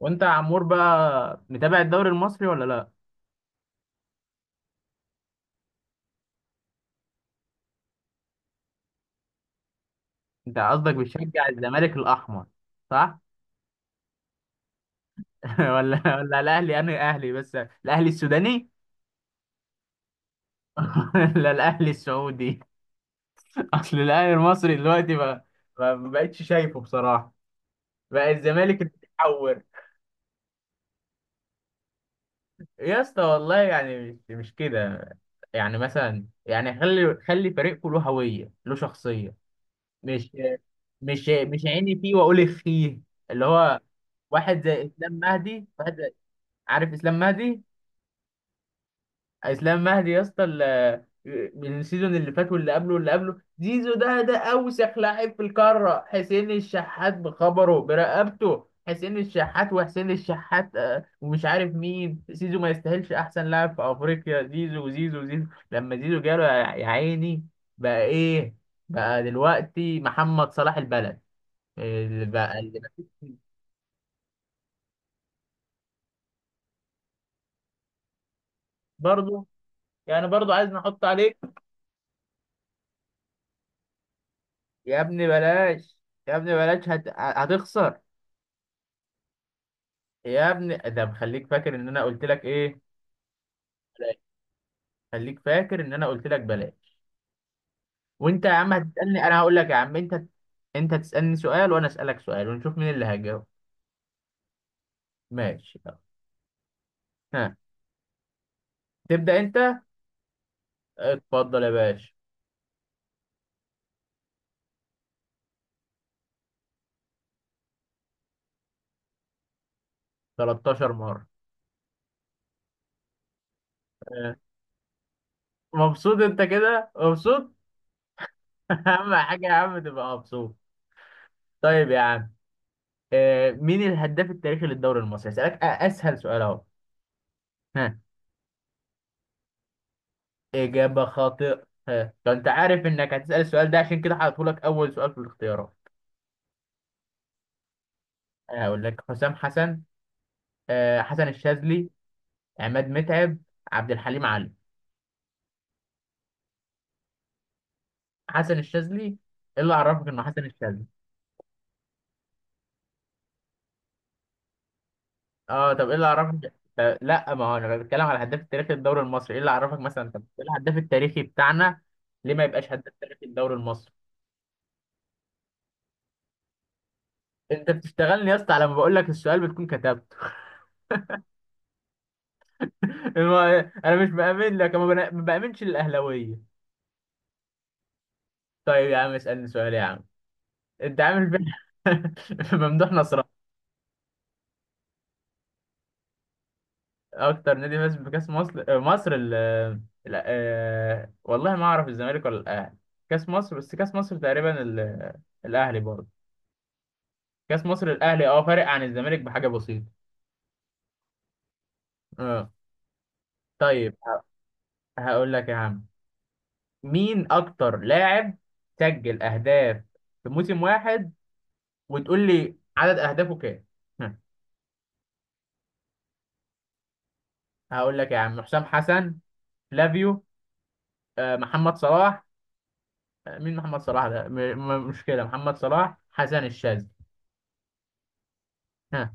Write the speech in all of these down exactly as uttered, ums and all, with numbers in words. وانت يا عمور بقى متابع الدوري المصري ولا لا؟ انت قصدك بتشجع الزمالك الاحمر؟ صح. ولا ولا الاهلي، انا اهلي بس. الاهلي السوداني. ولا الاهلي السعودي؟ اصل الاهلي المصري دلوقتي بقى ما ما بقتش شايفه بصراحه. بقى الزمالك اللي بيتحور. يا اسطى والله يعني مش مش كده. يعني مثلا يعني خلي خلي فريقكم له هويه، له شخصيه. مش مش مش عيني فيه واقول اخيه، اللي هو واحد زي اسلام مهدي، واحد زي... عارف اسلام مهدي؟ اسلام مهدي يا اسطى ال- من السيزون اللي فات واللي قبله واللي قبله. زيزو ده ده اوسخ لاعب في القاره. حسين الشحات بخبره برقبته، حسين الشحات وحسين الشحات، آه، ومش عارف مين. زيزو ما يستاهلش احسن لاعب في افريقيا. زيزو زيزو زيزو لما زيزو جاله، يا يا عيني. بقى ايه؟ بقى دلوقتي محمد صلاح البلد. اللي بقى اللي بقى... برضه؟ يعني برضه عايز نحط عليك؟ يا ابني بلاش. يا ابني بلاش هت... هتخسر. يا ابني ده مخليك فاكر ان انا قلت لك ايه؟ بلاش. خليك فاكر ان انا قلت لك بلاش. وانت يا عم هتسألني، انا هقول لك يا عم انت، انت تسألني سؤال وانا اسألك سؤال ونشوف مين اللي هيجاوب. ماشي، يلا. ها، تبدأ انت. اتفضل يا باشا. تلتاشر مرة. آه. مبسوط انت كده؟ مبسوط؟ اهم حاجة يا عم تبقى مبسوط. طيب يا عم، آه، مين الهداف التاريخي للدوري المصري؟ هسألك أ- اسهل سؤال اهو. ها؟ اجابه خاطئه. ها، لو انت عارف انك هتسأل السؤال ده، عشان كده هحطهولك اول سؤال في الاختيارات. أنا هقول لك: حسام حسن، آه، حسن الشاذلي، عماد متعب، عبد الحليم علي. حسن الشاذلي؟ ايه اللي عرفك انه حسن الشاذلي؟ اه، طب ايه اللي عرفك؟ طب لا، ما هو انا بتكلم على الهداف التاريخي للدوري المصري. ايه اللي عرفك مثلا؟ طب إيه الهداف التاريخي بتاعنا؟ ليه ما يبقاش هداف تاريخي للدوري المصري؟ انت بتشتغلني يا اسطى؟ على ما بقول لك السؤال بتكون كتبته. الم- انا مش بامن لك. أنا ما بنا- ما بامنش الاهلاويه. طيب يا عم، اسالني سؤال يا عم. انت عامل فين؟ ممدوح نصر. اكتر نادي فاز بكاس مصر؟ آه، مصر ال ال- آه، والله ما اعرف، الزمالك ولا الاهلي؟ كاس مصر بس. كاس مصر تقريبا ال- الاهلي برضه. كاس مصر الاهلي، اه، فارق عن الزمالك بحاجه بسيطه. اه. طيب ه- هقول لك يا عم، مين اكتر لاعب سجل اهداف في موسم واحد، وتقول لي عدد اهدافه كام. هقول لك يا عم: حسام حسن، فلافيو، آه، محمد صلاح، آه، مين محمد صلاح ده. م... م... مشكلة محمد صلاح، حسن الشاذلي. ها؟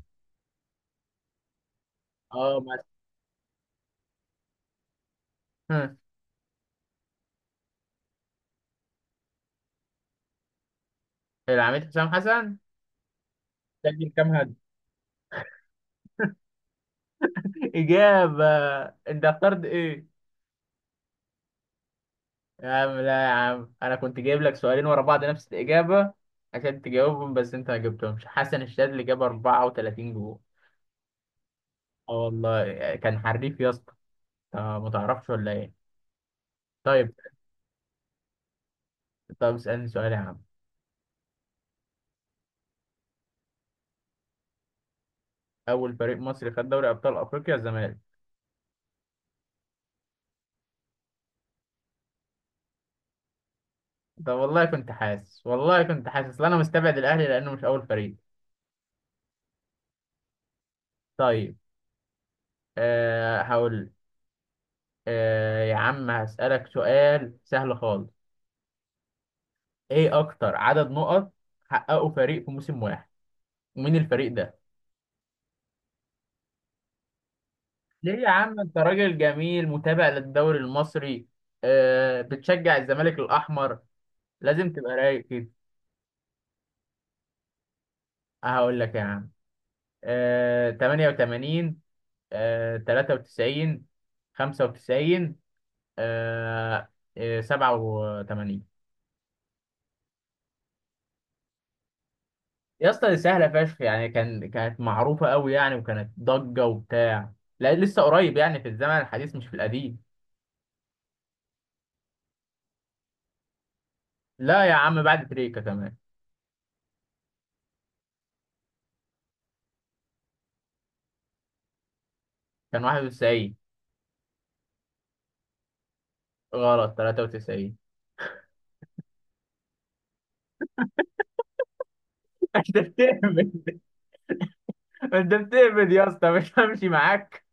اه، بس. ها؟ العميد حسام حسن؟ سجل كام هدف؟ إجابة؟ أنت اخترت إيه؟ يا عم لا، يا عم أنا كنت جايب لك سؤالين ورا بعض نفس الإجابة عشان تجاوبهم، بس أنت ما جبتهمش. حسن الشاذلي جاب أربعة وثلاثين جول. اه والله كان حريف يا اسطى. آه، ما تعرفش ولا إيه؟ طيب. طب اسألني سؤال يا عم. اول فريق مصري خد دوري ابطال افريقيا الزمالك. طب والله كنت حاسس، والله كنت حاسس، لا انا مستبعد الاهلي لانه مش اول فريق. طيب. أه، هقول لك. أه يا عم، هسألك سؤال سهل خالص. ايه اكتر عدد نقط حققه فريق في موسم واحد، ومين الفريق ده؟ ليه يا عم؟ انت راجل جميل، متابع للدوري المصري، أه بتشجع الزمالك الاحمر، لازم تبقى رايق كده. هقول لك يا عم: أه تمانية وتمانين، أه ثلاثة وتسعين، خمسة وتسعين، آه، آه، سبعة وتمانين. يا اسطى دي سهله فشخ يعني. كان كانت معروفه قوي يعني، وكانت ضجه وبتاع. لا لسه قريب يعني، في الزمن الحديث مش في القديم. لا يا عم، بعد تريكا كمان. كان واحد وتسعين؟ غلط. تلاتة وتسعين. انت بتهبد، انت بتهبد يا اسطى، مش همشي معاك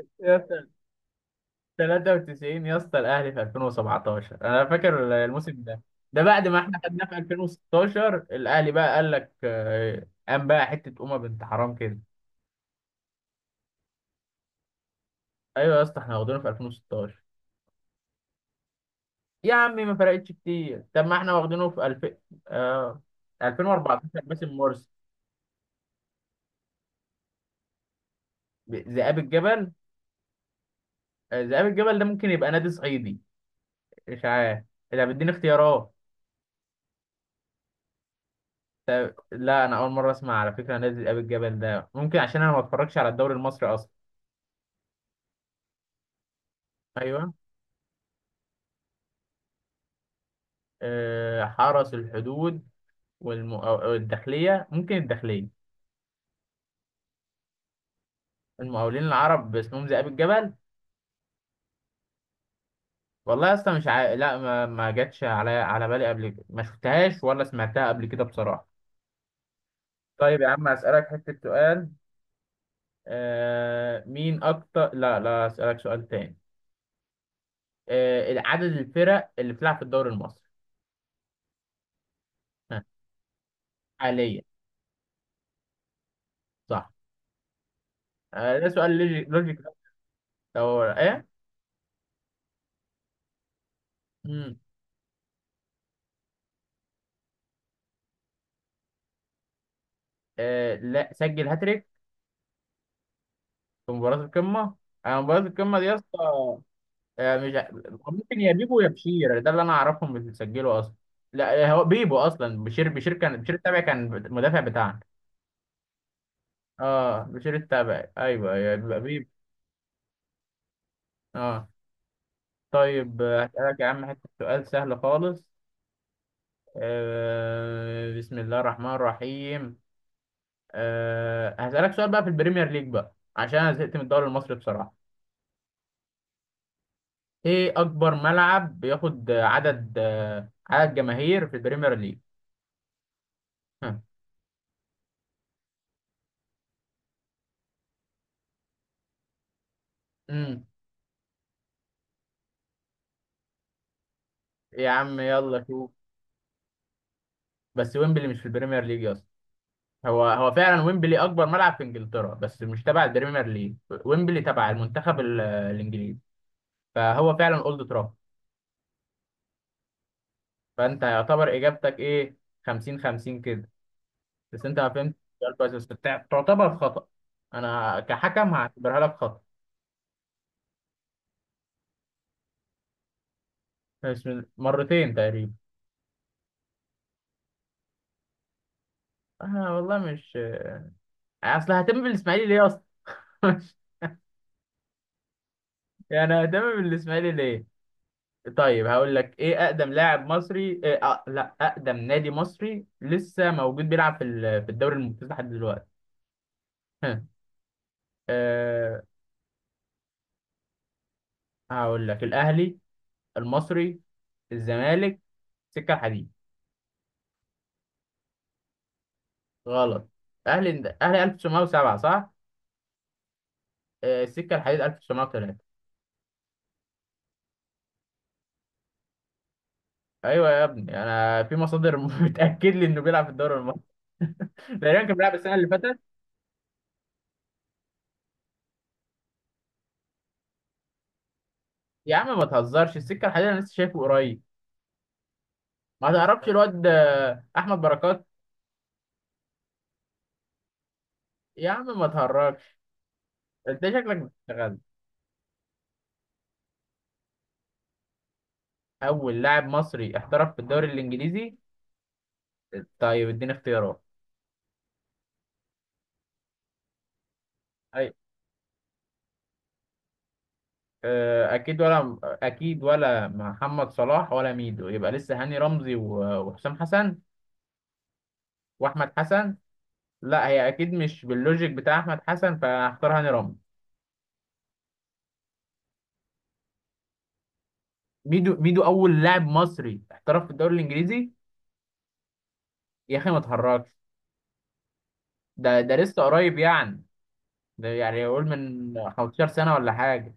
يا اسطى. تلاتة وتسعين يا اسطى الاهلي في ألفين وسبعة عشر، انا فاكر الموسم ده. ده بعد ما احنا خدناه في ألفين وستاشر، الاهلي بقى قال لك آه، قام بقى حته امه بنت حرام كده. ايوه يا اسطى، احنا واخدينه في ألفين وستاشر. يا عمي ما فرقتش كتير. طب ما احنا واخدينه في ألفين. آه، ألفين وأربعة عشر، باسم مرسي. ب- ذئاب الجبل؟ آه، ذئاب الجبل ده ممكن يبقى نادي صعيدي، مش عارف، اذا بتديني اختيارات. لا، انا اول مره اسمع على فكره نادي ذئاب الجبل ده، ممكن عشان انا ما بتفرجش على الدوري المصري اصلا. ايوه. آه حرس الحدود. والمقاو- والداخليه، ممكن الداخليه. المقاولين العرب اسمهم ذئاب الجبل؟ والله يا اسطى، مش عا... لا، ما, ما جاتش على على بالي قبل كده، ما شفتهاش ولا سمعتها قبل كده بصراحة. طيب يا عم، أسألك حتة سؤال. آه... مين أكتر لا، لا، أسألك سؤال تاني. آه... عدد الفرق اللي بتلعب في الدوري المصري؟ ها، حاليا. صح. آه... ده سؤال لوجيك لوجيك. أو إيه؟ مم. آه... لا سجل هاتريك في مباراة القمة. آه مباراة القمة دي يا اسطى... آه، مش ع- ممكن يا بيبو، يا بشير، ده اللي انا اعرفهم اللي بيسجلوا اصلا. لا آه، هو بيبو اصلا. بشير بشير كان، بشير التابع كان المدافع بتاعنا. اه بشير التابع. ايوه يا بيبو. بيبو. اه. طيب آه، هسألك يا عم حته سؤال سهل خالص. آه بسم الله الرحمن الرحيم. آه هسألك سؤال بقى في البريمير ليج بقى عشان انا زهقت من الدوري المصري بصراحة. ايه اكبر ملعب بياخد عدد آه، عدد جماهير في البريمير ليج؟ ها. مم. يا عم يلا شوف. بس ويمبلي مش في البريمير ليج يا اسطى. هو هو فعلا ويمبلي اكبر ملعب في انجلترا، بس مش تبع البريمير ليج. ويمبلي تبع المنتخب ال- الانجليزي. فهو فعلا اولد ترافورد. فانت يعتبر اجابتك ايه؟ خمسين خمسين كده. بس انت ما فهمت السؤال كويس، بس بتاع- تعتبر خطأ. انا كحكم هعتبرها لك خطأ. مش من- مرتين تقريبا. انا والله مش... اصل هتم بالاسماعيلي ليه اصلا؟ يعني هتم بالاسماعيلي ليه؟ طيب هقول لك ايه اقدم لاعب مصري، إيه أ... لا، اقدم نادي مصري لسه موجود بيلعب في ال... في الدوري الممتاز لحد دلوقتي. ها. أه... هقول لك: الاهلي، المصري، الزمالك، السكه الحديد. غلط. اهلي اهلي ألف وتسعمية وسبعة، صح. أه... السكه الحديد ألف وتسعمية وتلاتة. ايوه يا ابني، انا في مصادر بتاكد لي انه بيلعب في الدوري المصري. تقريبا كان بيلعب السنه اللي فاتت. يا عم ما تهزرش، السكه الحديد انا لسه شايفه قريب. ما تعرفش الواد آه، احمد بركات؟ يا عم ما تهرجش، انت شكلك بتشتغل. اول لاعب مصري احترف في الدوري الانجليزي. طيب اديني اختيارات. اي. اه، اكيد ولا، اكيد ولا محمد صلاح ولا ميدو، يبقى لسه هاني رمزي و- وحسام حسن واحمد حسن. لا هي اكيد مش باللوجيك بتاع احمد حسن، فهختار هاني رمزي. ميدو؟ ميدو اول لاعب مصري احترف في الدوري الانجليزي؟ يا اخي ما تهرجش. ده ده لسه قريب يعني. ده يعني يقول من خمستاشر سنه ولا حاجه.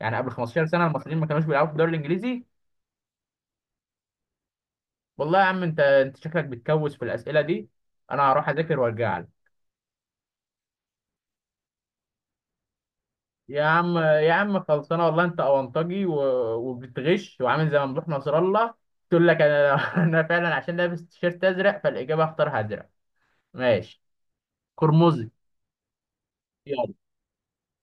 يعني قبل خمستاشر سنه المصريين ما كانوش بيلعبوا في الدوري الانجليزي؟ والله يا عم انت انت شكلك بتكوس في الاسئله دي. انا هروح اذاكر وارجع لك. يا عم، يا عم خلصانه والله. انت اونطجي و... وبتغش، وعامل زي ممدوح نصر الله، تقول لك انا انا فعلا عشان لابس تيشيرت ازرق، فالاجابه اختارها ازرق. ماشي. قرمزي. يلا.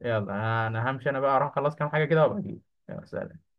يلا انا همشي، انا بقى اروح اخلص كام حاجه كده وابقى اجيلك. يلا، سلام.